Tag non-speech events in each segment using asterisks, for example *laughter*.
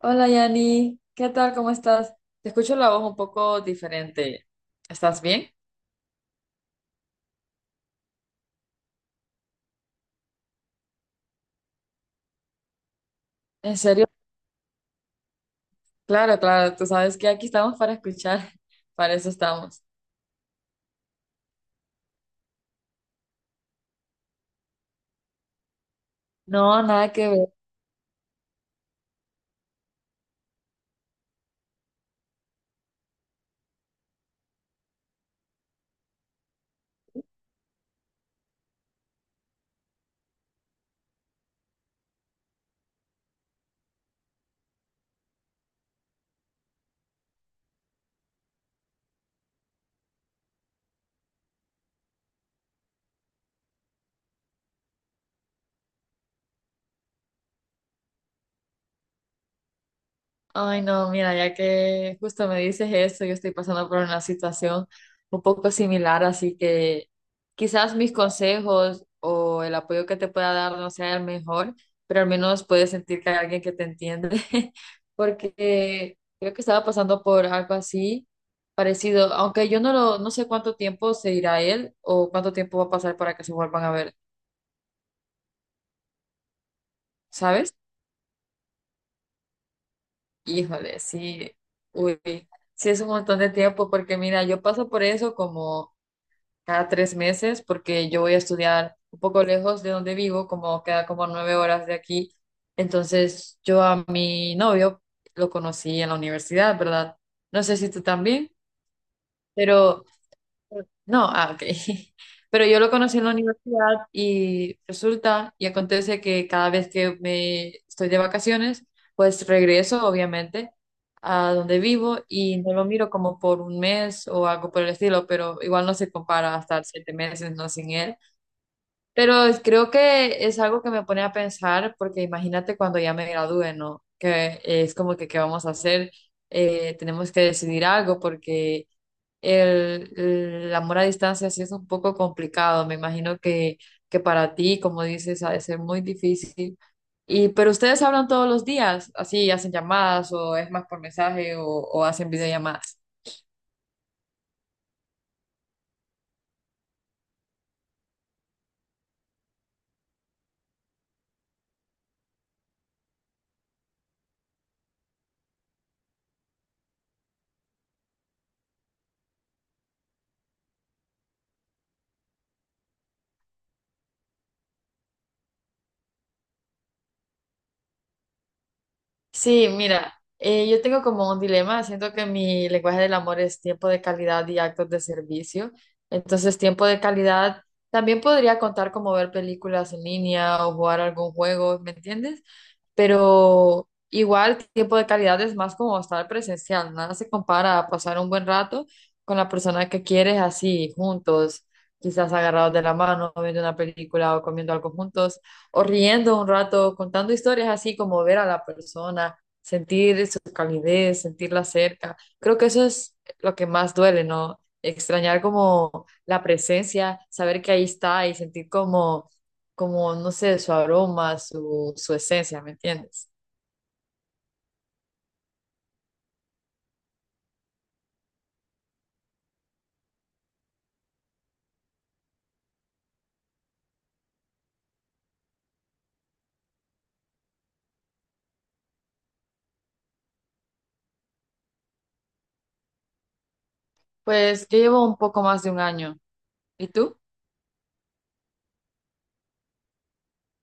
Hola Yani, ¿qué tal? ¿Cómo estás? Te escucho la voz un poco diferente. ¿Estás bien? ¿En serio? Claro, claro, tú sabes que aquí estamos para escuchar, *laughs* para eso estamos. No, nada que ver. Ay, no, mira, ya que justo me dices eso, yo estoy pasando por una situación un poco similar, así que quizás mis consejos o el apoyo que te pueda dar no sea el mejor, pero al menos puedes sentir que hay alguien que te entiende, *laughs* porque creo que estaba pasando por algo así parecido, aunque yo no lo, no sé cuánto tiempo se irá él o cuánto tiempo va a pasar para que se vuelvan a ver, ¿sabes? Híjole, sí, uy, sí es un montón de tiempo porque mira, yo paso por eso como cada 3 meses porque yo voy a estudiar un poco lejos de donde vivo, como queda como 9 horas de aquí. Entonces yo a mi novio lo conocí en la universidad, ¿verdad? No sé si tú también, pero no, ah, ok. *laughs* Pero yo lo conocí en la universidad y resulta y acontece que cada vez que me estoy de vacaciones, pues regreso, obviamente, a donde vivo y no lo miro como por un mes o algo por el estilo, pero igual no se compara a estar 7 meses no sin él. Creo que es algo que me pone a pensar porque imagínate cuando ya me gradúe, ¿no? Que es como que, ¿qué vamos a hacer? Tenemos que decidir algo porque el amor a distancia sí es un poco complicado. Me imagino que para ti, como dices, ha de ser muy difícil. Y, pero ustedes hablan todos los días, así hacen llamadas o es más por mensaje o hacen videollamadas. Sí, mira, yo tengo como un dilema. Siento que mi lenguaje del amor es tiempo de calidad y actos de servicio. Entonces, tiempo de calidad también podría contar como ver películas en línea o jugar algún juego, ¿me entiendes? Pero igual tiempo de calidad es más como estar presencial, nada se compara a pasar un buen rato con la persona que quieres así, juntos, quizás agarrados de la mano, viendo una película o comiendo algo juntos, o riendo un rato, contando historias así como ver a la persona, sentir su calidez, sentirla cerca. Creo que eso es lo que más duele, ¿no? Extrañar como la presencia, saber que ahí está y sentir como, no sé, su aroma, su esencia, ¿me entiendes? Pues yo llevo un poco más de un año. ¿Y tú?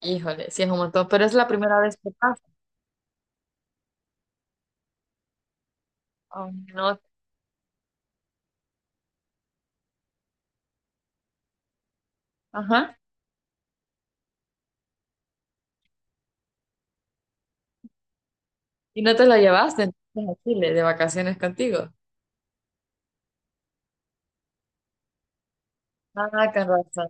Híjole, sí es un montón, pero es la primera vez que pasa. Ay, no, ajá. ¿Y no te la llevaste entonces a Chile de vacaciones contigo? Ah, con razón.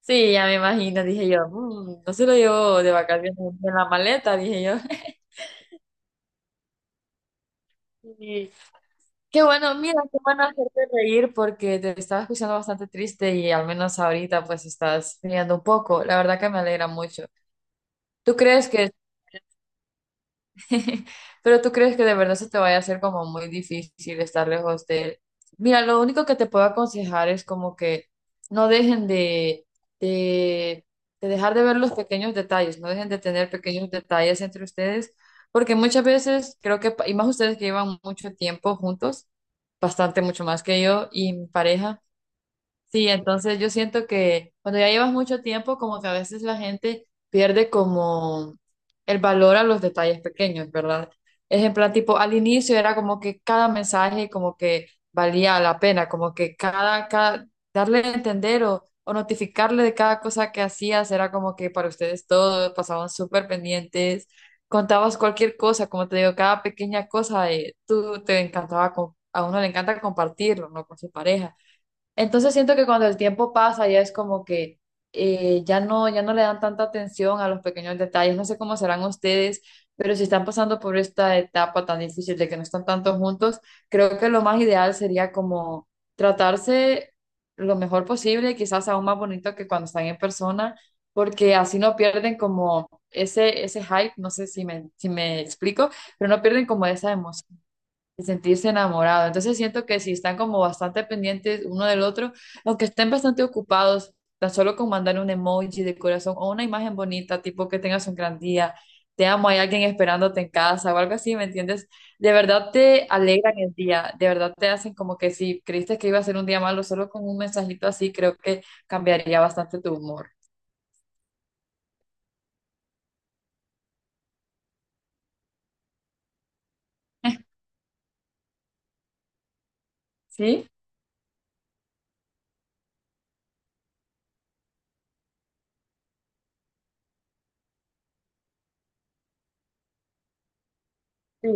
Sí, ya me imagino, dije yo. "Mm, no se lo llevó de vacaciones en la maleta", dije yo. *laughs* Y qué bueno, mira, qué bueno hacerte reír porque te estaba escuchando bastante triste y al menos ahorita pues estás riendo un poco. La verdad que me alegra mucho. ¿Tú crees que, *laughs* pero tú crees que de verdad se te vaya a hacer como muy difícil estar lejos de él? Mira, lo único que te puedo aconsejar es como que no dejen de, de dejar de ver los pequeños detalles, no dejen de tener pequeños detalles entre ustedes, porque muchas veces creo que, y más ustedes que llevan mucho tiempo juntos, bastante mucho más que yo y mi pareja. Sí, entonces yo siento que cuando ya llevas mucho tiempo, como que a veces la gente pierde como el valor a los detalles pequeños, ¿verdad? Es en plan, tipo, al inicio era como que cada mensaje como que valía la pena, como que cada darle a entender o notificarle de cada cosa que hacías era como que para ustedes todo, pasaban súper pendientes, contabas cualquier cosa, como te digo, cada pequeña cosa, tú te encantaba, a uno le encanta compartirlo, ¿no? Con su pareja. Entonces siento que cuando el tiempo pasa ya es como que ya no, le dan tanta atención a los pequeños detalles. No sé cómo serán ustedes, pero si están pasando por esta etapa tan difícil de que no están tanto juntos, creo que lo más ideal sería como tratarse lo mejor posible, quizás aún más bonito que cuando están en persona, porque así no pierden como ese, hype, no sé si me explico, pero no pierden como esa emoción de sentirse enamorado. Entonces siento que si están como bastante pendientes uno del otro, aunque estén bastante ocupados, tan solo con mandar un emoji de corazón o una imagen bonita, tipo que tengas un gran día, te amo, hay alguien esperándote en casa o algo así, ¿me entiendes? De verdad te alegran el día, de verdad te hacen como que si creíste que iba a ser un día malo, solo con un mensajito así, creo que cambiaría bastante tu humor. *laughs* ¿Sí? Sí,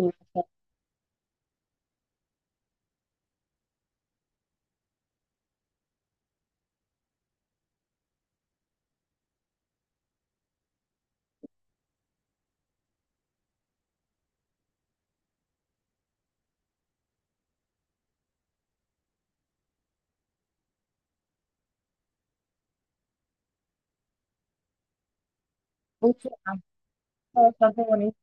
mucho, está bastante bonito.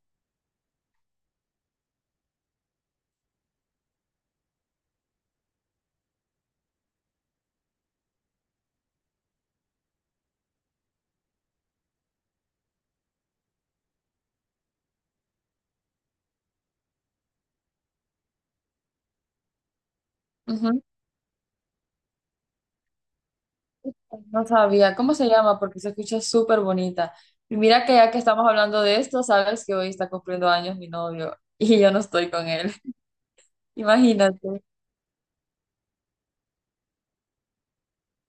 No sabía cómo se llama porque se escucha súper bonita. Y mira que ya que estamos hablando de esto, sabes que hoy está cumpliendo años mi novio y yo no estoy con él. *laughs* Imagínate,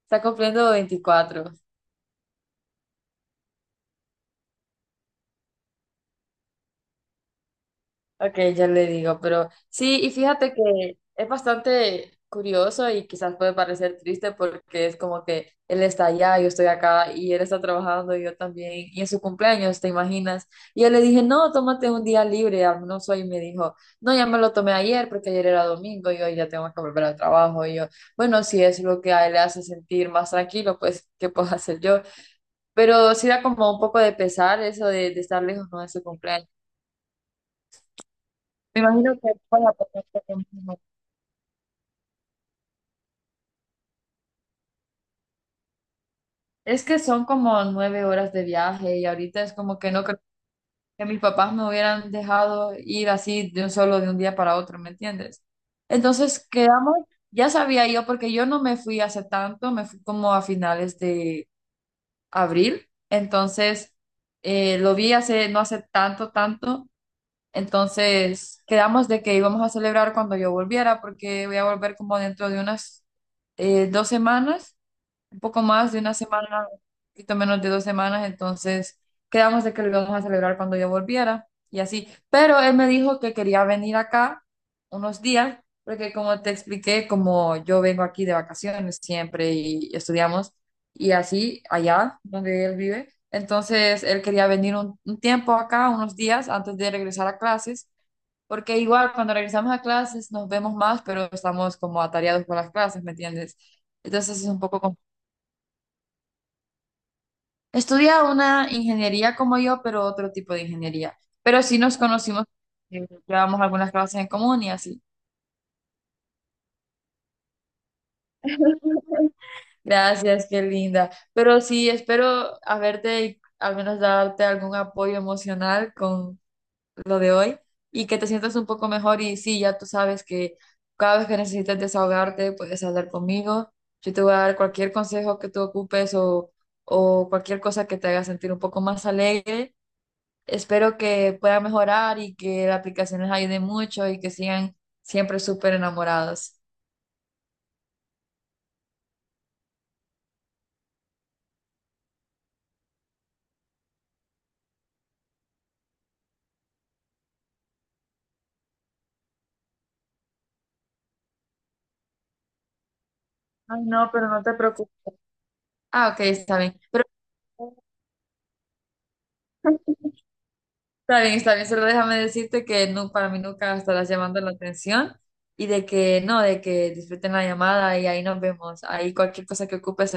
está cumpliendo 24. Ok, ya le digo, pero sí, y fíjate que es bastante curioso y quizás puede parecer triste porque es como que él está allá, yo estoy acá y él está trabajando, yo también, y en su cumpleaños, ¿te imaginas? Y yo le dije, no, tómate un día libre, al menos hoy, y me dijo, no, ya me lo tomé ayer porque ayer era domingo y hoy ya tengo que volver al trabajo, y yo, bueno, si es lo que a él le hace sentir más tranquilo, pues, ¿qué puedo *laughs* hacer yo? Pero sí da como un poco de pesar eso de estar lejos, ¿no? De su cumpleaños. Me imagino que para ponerte temprano. Es que son como 9 horas de viaje y ahorita es como que no creo que mis papás me hubieran dejado ir así de un solo de un día para otro, ¿me entiendes? Entonces quedamos, ya sabía yo porque yo no me fui hace tanto, me fui como a finales de abril, entonces lo vi hace no hace tanto, tanto, entonces quedamos de que íbamos a celebrar cuando yo volviera porque voy a volver como dentro de unas 2 semanas. Un poco más de una semana, un poquito menos de 2 semanas, entonces quedamos de que lo íbamos a celebrar cuando yo volviera y así. Pero él me dijo que quería venir acá unos días, porque como te expliqué, como yo vengo aquí de vacaciones siempre y estudiamos y así allá donde él vive, entonces él quería venir un tiempo acá, unos días antes de regresar a clases. Porque igual cuando regresamos a clases nos vemos más, pero estamos como atareados con las clases, ¿me entiendes? Entonces es un poco complicado. Estudia una ingeniería como yo, pero otro tipo de ingeniería. Pero sí nos conocimos, llevamos algunas clases en común y así. Gracias, qué linda. Pero sí, espero haberte, y al menos darte algún apoyo emocional con lo de hoy y que te sientas un poco mejor. Y sí, ya tú sabes que cada vez que necesites desahogarte, puedes hablar conmigo. Yo te voy a dar cualquier consejo que tú ocupes, o cualquier cosa que te haga sentir un poco más alegre. Espero que puedan mejorar y que la aplicación les ayude mucho y que sigan siempre súper enamorados. Ay, no, pero no te preocupes. Ah, ok, está bien. Pero está bien, está bien. Solo déjame decirte que no, para mí nunca estarás llamando la atención y de que no, de que disfruten la llamada y ahí nos vemos. Ahí cualquier cosa que ocupes,